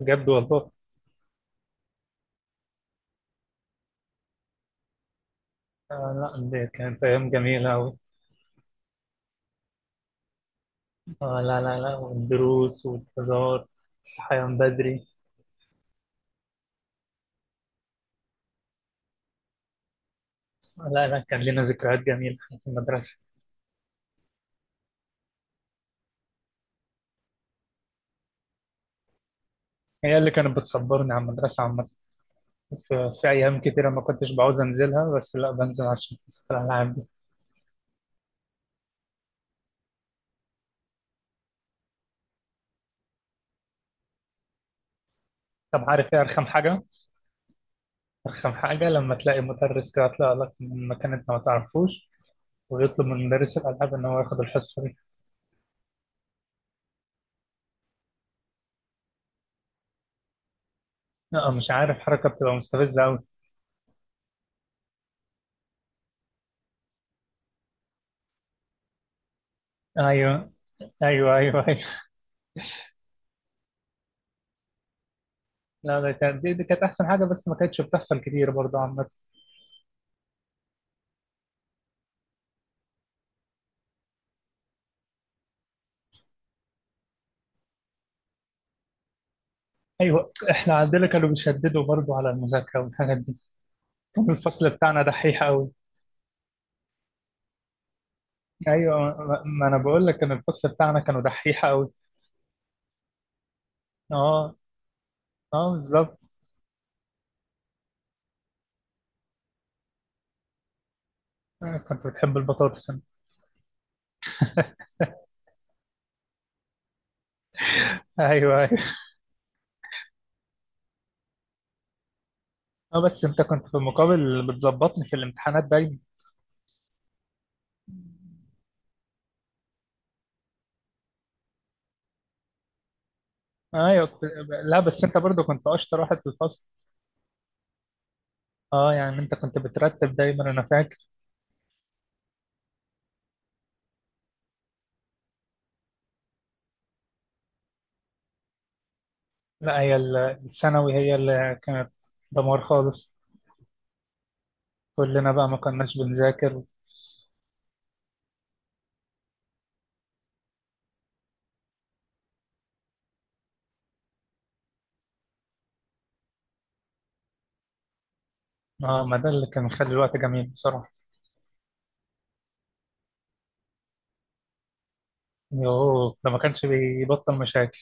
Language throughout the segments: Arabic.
بجد والله. آه، لا، دي كانت أيام جميلة أوي. آه، لا لا لا، والدروس والهزار. الصحيان بدري. آه، لا لا، كان لنا ذكريات جميلة في المدرسة. هي اللي كانت بتصبرني على المدرسة عامة. في أيام كتيرة ما كنتش بعوز أنزلها، بس لا بنزل عشان حصة الألعاب دي. طب عارف إيه أرخم حاجة؟ أرخم حاجة لما تلاقي مدرس كده يطلع لك من مكان أنت ما تعرفوش ويطلب من مدرس الألعاب إن هو ياخد الحصة دي. لا، مش عارف، حركة بتبقى مستفزة أوي. أيوه، أيوه، أيوه، أيوه. لا، ده كانت دي كانت احسن حاجه، بس ما كانتش بتحصل كتير برضه عامه. ايوه، احنا عندنا كانوا بيشددوا برضه على المذاكره والحاجات دي. كان الفصل بتاعنا دحيح قوي. ايوه، ما انا بقول لك كان الفصل بتاعنا كانوا دحيح قوي. اه، اه، بالظبط. آه، كنت بتحب البطاطس انت. ايوه، ايوه. اه، بس انت كنت في المقابل بتظبطني في الامتحانات دايما. ايوه كنت. لا، بس انت برضه كنت اشطر واحد في الفصل. اه، يعني انت كنت بترتب دايما، انا فاكر. لا، هي الثانوي هي اللي كانت دمار خالص. كلنا بقى ما كناش بنذاكر. اه، ما ده اللي كان مخلي الوقت جميل بصراحة. يوه، ده ما كانش بيبطل مشاكل.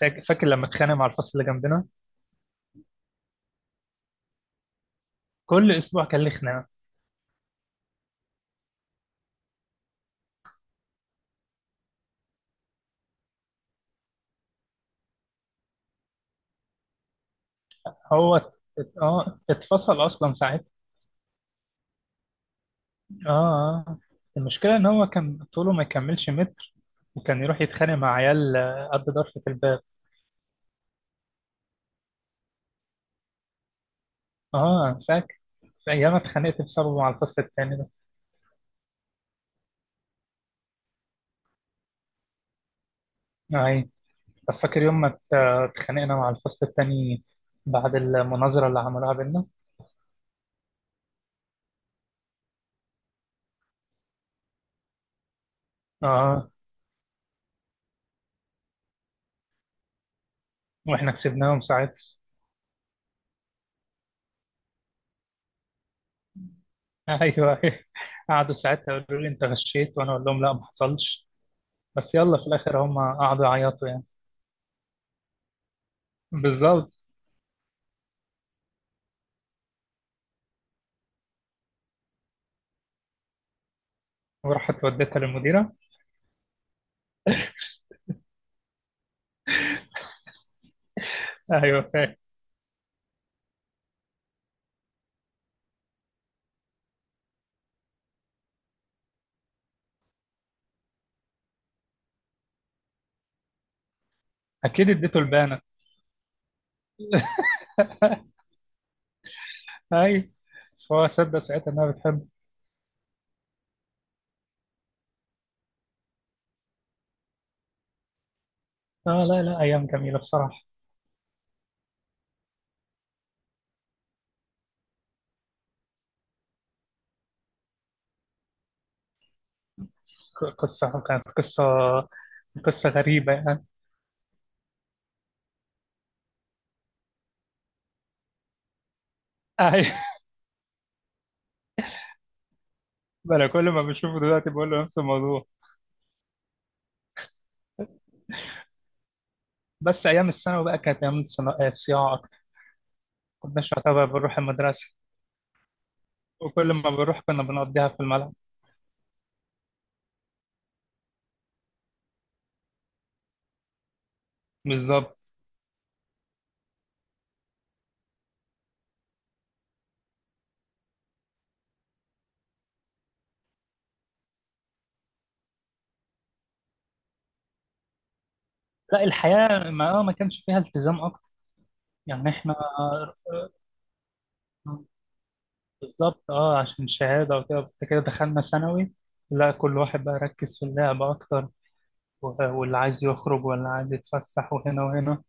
فاكر لما اتخانق مع الفصل اللي جنبنا. كل اسبوع كان ليه خناقة. هو اتفصل اصلا ساعتها. اه. آه. المشكلة ان هو كان طوله ما يكملش متر، وكان يروح يتخانق مع عيال قد ضرفة الباب. اه، فاكر. ايام اتخانقت بسببه مع الفصل التاني ده. آه، اي. طب فاكر يوم ما اتخانقنا مع الفصل التاني بعد المناظرة اللي عملوها بينا. اه. آه. واحنا كسبناهم ساعتها. ايوه. قعدوا ساعتها يقولوا لي انت غشيت، وانا اقول لهم لا، ما حصلش، بس يلا في الاخر هم قعدوا يعيطوا يعني. بالظبط. وراحت وديتها للمديره. ايوه، فاهم. اكيد اديته البانه. ايوه. فهو صدق ساعتها انها بتحب. اه، لا لا، ايام جميله بصراحه. قصه كانت قصه غريبه يعني. ايوه. انا كل ما بشوفه دلوقتي بقول له نفس الموضوع. بس ايام الثانوي بقى كانت ايام الصياعه اكتر. كناش يعتبر بنروح المدرسه، وكل ما بنروح كنا بنقضيها في الملعب. بالظبط. لا، الحياة ما كانش فيها التزام أكتر. يعني إحنا بالظبط، أه، عشان الشهادة وكده، بعد كده دخلنا ثانوي. لا، كل واحد بقى ركز في اللعب أكتر، واللي عايز يخرج واللي عايز يتفسح وهنا وهنا.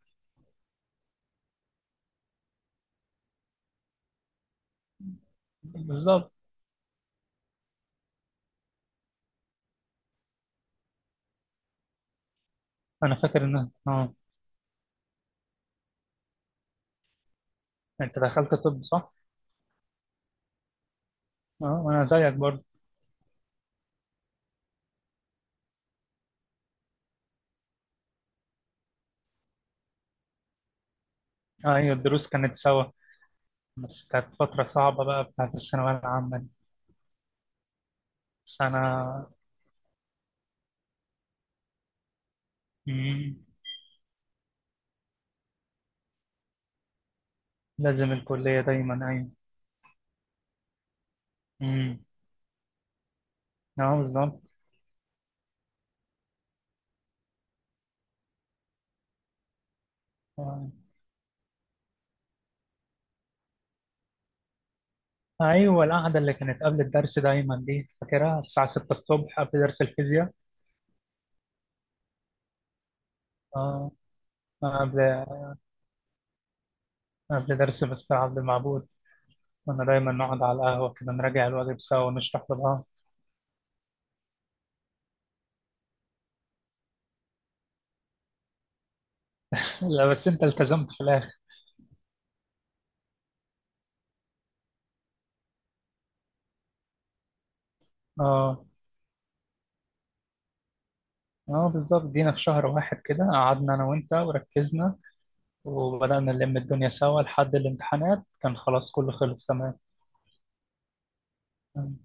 بالظبط. أنا فاكر إن أنت دخلت طب، صح؟ أه، وأنا زيك برضه. أه، أيوة، الدروس كانت سوا، بس كانت فترة صعبة بقى بتاعت الثانوية العامة دي سنة. مم، لازم الكلية دايما، أيوة. امم، اه، بالظبط. آه. ايوه، القعده اللي كانت قبل الدرس دايما دي فاكرها، الساعه 6 الصبح قبل درس الفيزياء. اه، قبل قبل درس مستر عبد المعبود، كنا دايما نقعد على القهوه كده نراجع الواجب سوا ونشرح لبعض. لا، بس انت التزمت في الاخر. اه، اه، بالظبط. جينا في شهر واحد كده قعدنا انا وانت وركزنا، وبدأنا نلم الدنيا سوا لحد الامتحانات كان خلاص كله خلص. تمام.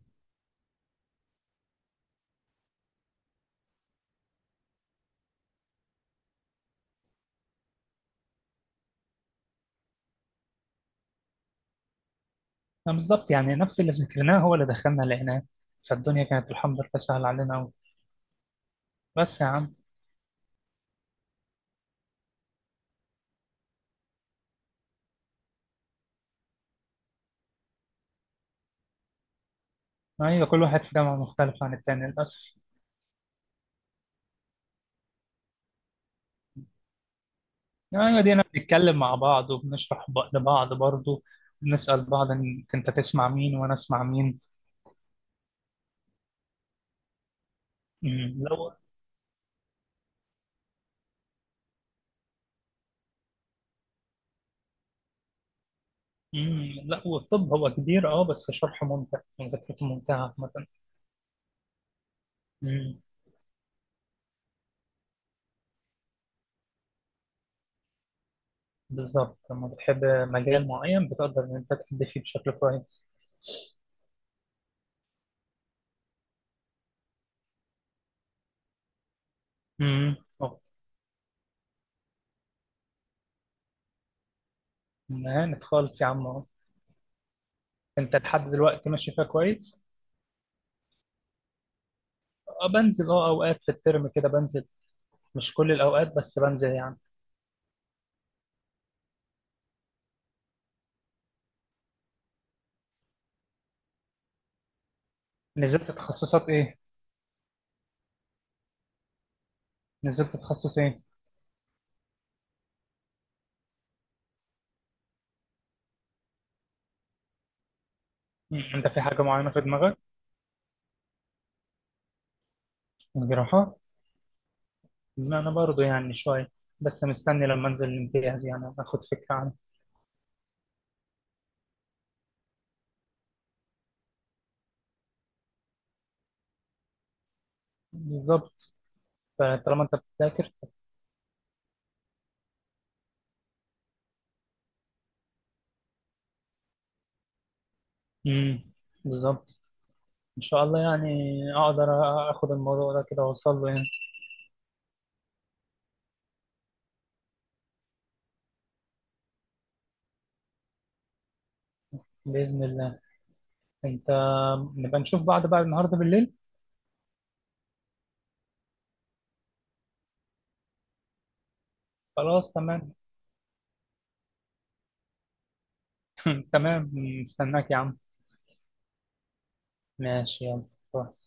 بالظبط، يعني نفس اللي ذكرناه هو اللي دخلنا لقيناه، فالدنيا كانت الحمد لله سهلة علينا أوي. بس يا عم. أيوة، كل واحد في جامعة مختلفة عن التاني للأسف. أيوة دينا بنتكلم مع بعض وبنشرح لبعض برضه. بنسأل بعض إن أنت تسمع مين وأنا أسمع مين. لا هو- أمم، لا هو الطب هو كبير، أه، بس شرحه ممتع ومذاكرته ممتعة مثلا. أمم، بالظبط، لما بتحب مجال معين بتقدر إن أنت تأدي فيه بشكل كويس. أمم، أه، مهانة خالص يا عم. انت لحد دلوقتي ماشي فيها كويس. اه، بنزل، اوقات في الترم كده بنزل، مش كل الاوقات بس بنزل يعني. نزلت تخصصات ايه؟ نزلت تخصص ايه؟ مم. انت في حاجه معينه في دماغك؟ جراحه. لا، انا برضو يعني شويه، بس مستني لما انزل الامتياز يعني اخد فكره عنه. بالظبط، فطالما انت بتذاكر. امم، بالظبط. ان شاء الله يعني اقدر اخد الموضوع ده كده واوصل له يعني. باذن الله. انت، نبقى نشوف بعض بقى النهارده بالليل. خلاص، تمام. تمام، مستناك يا عم. ماشي، يلا. روح.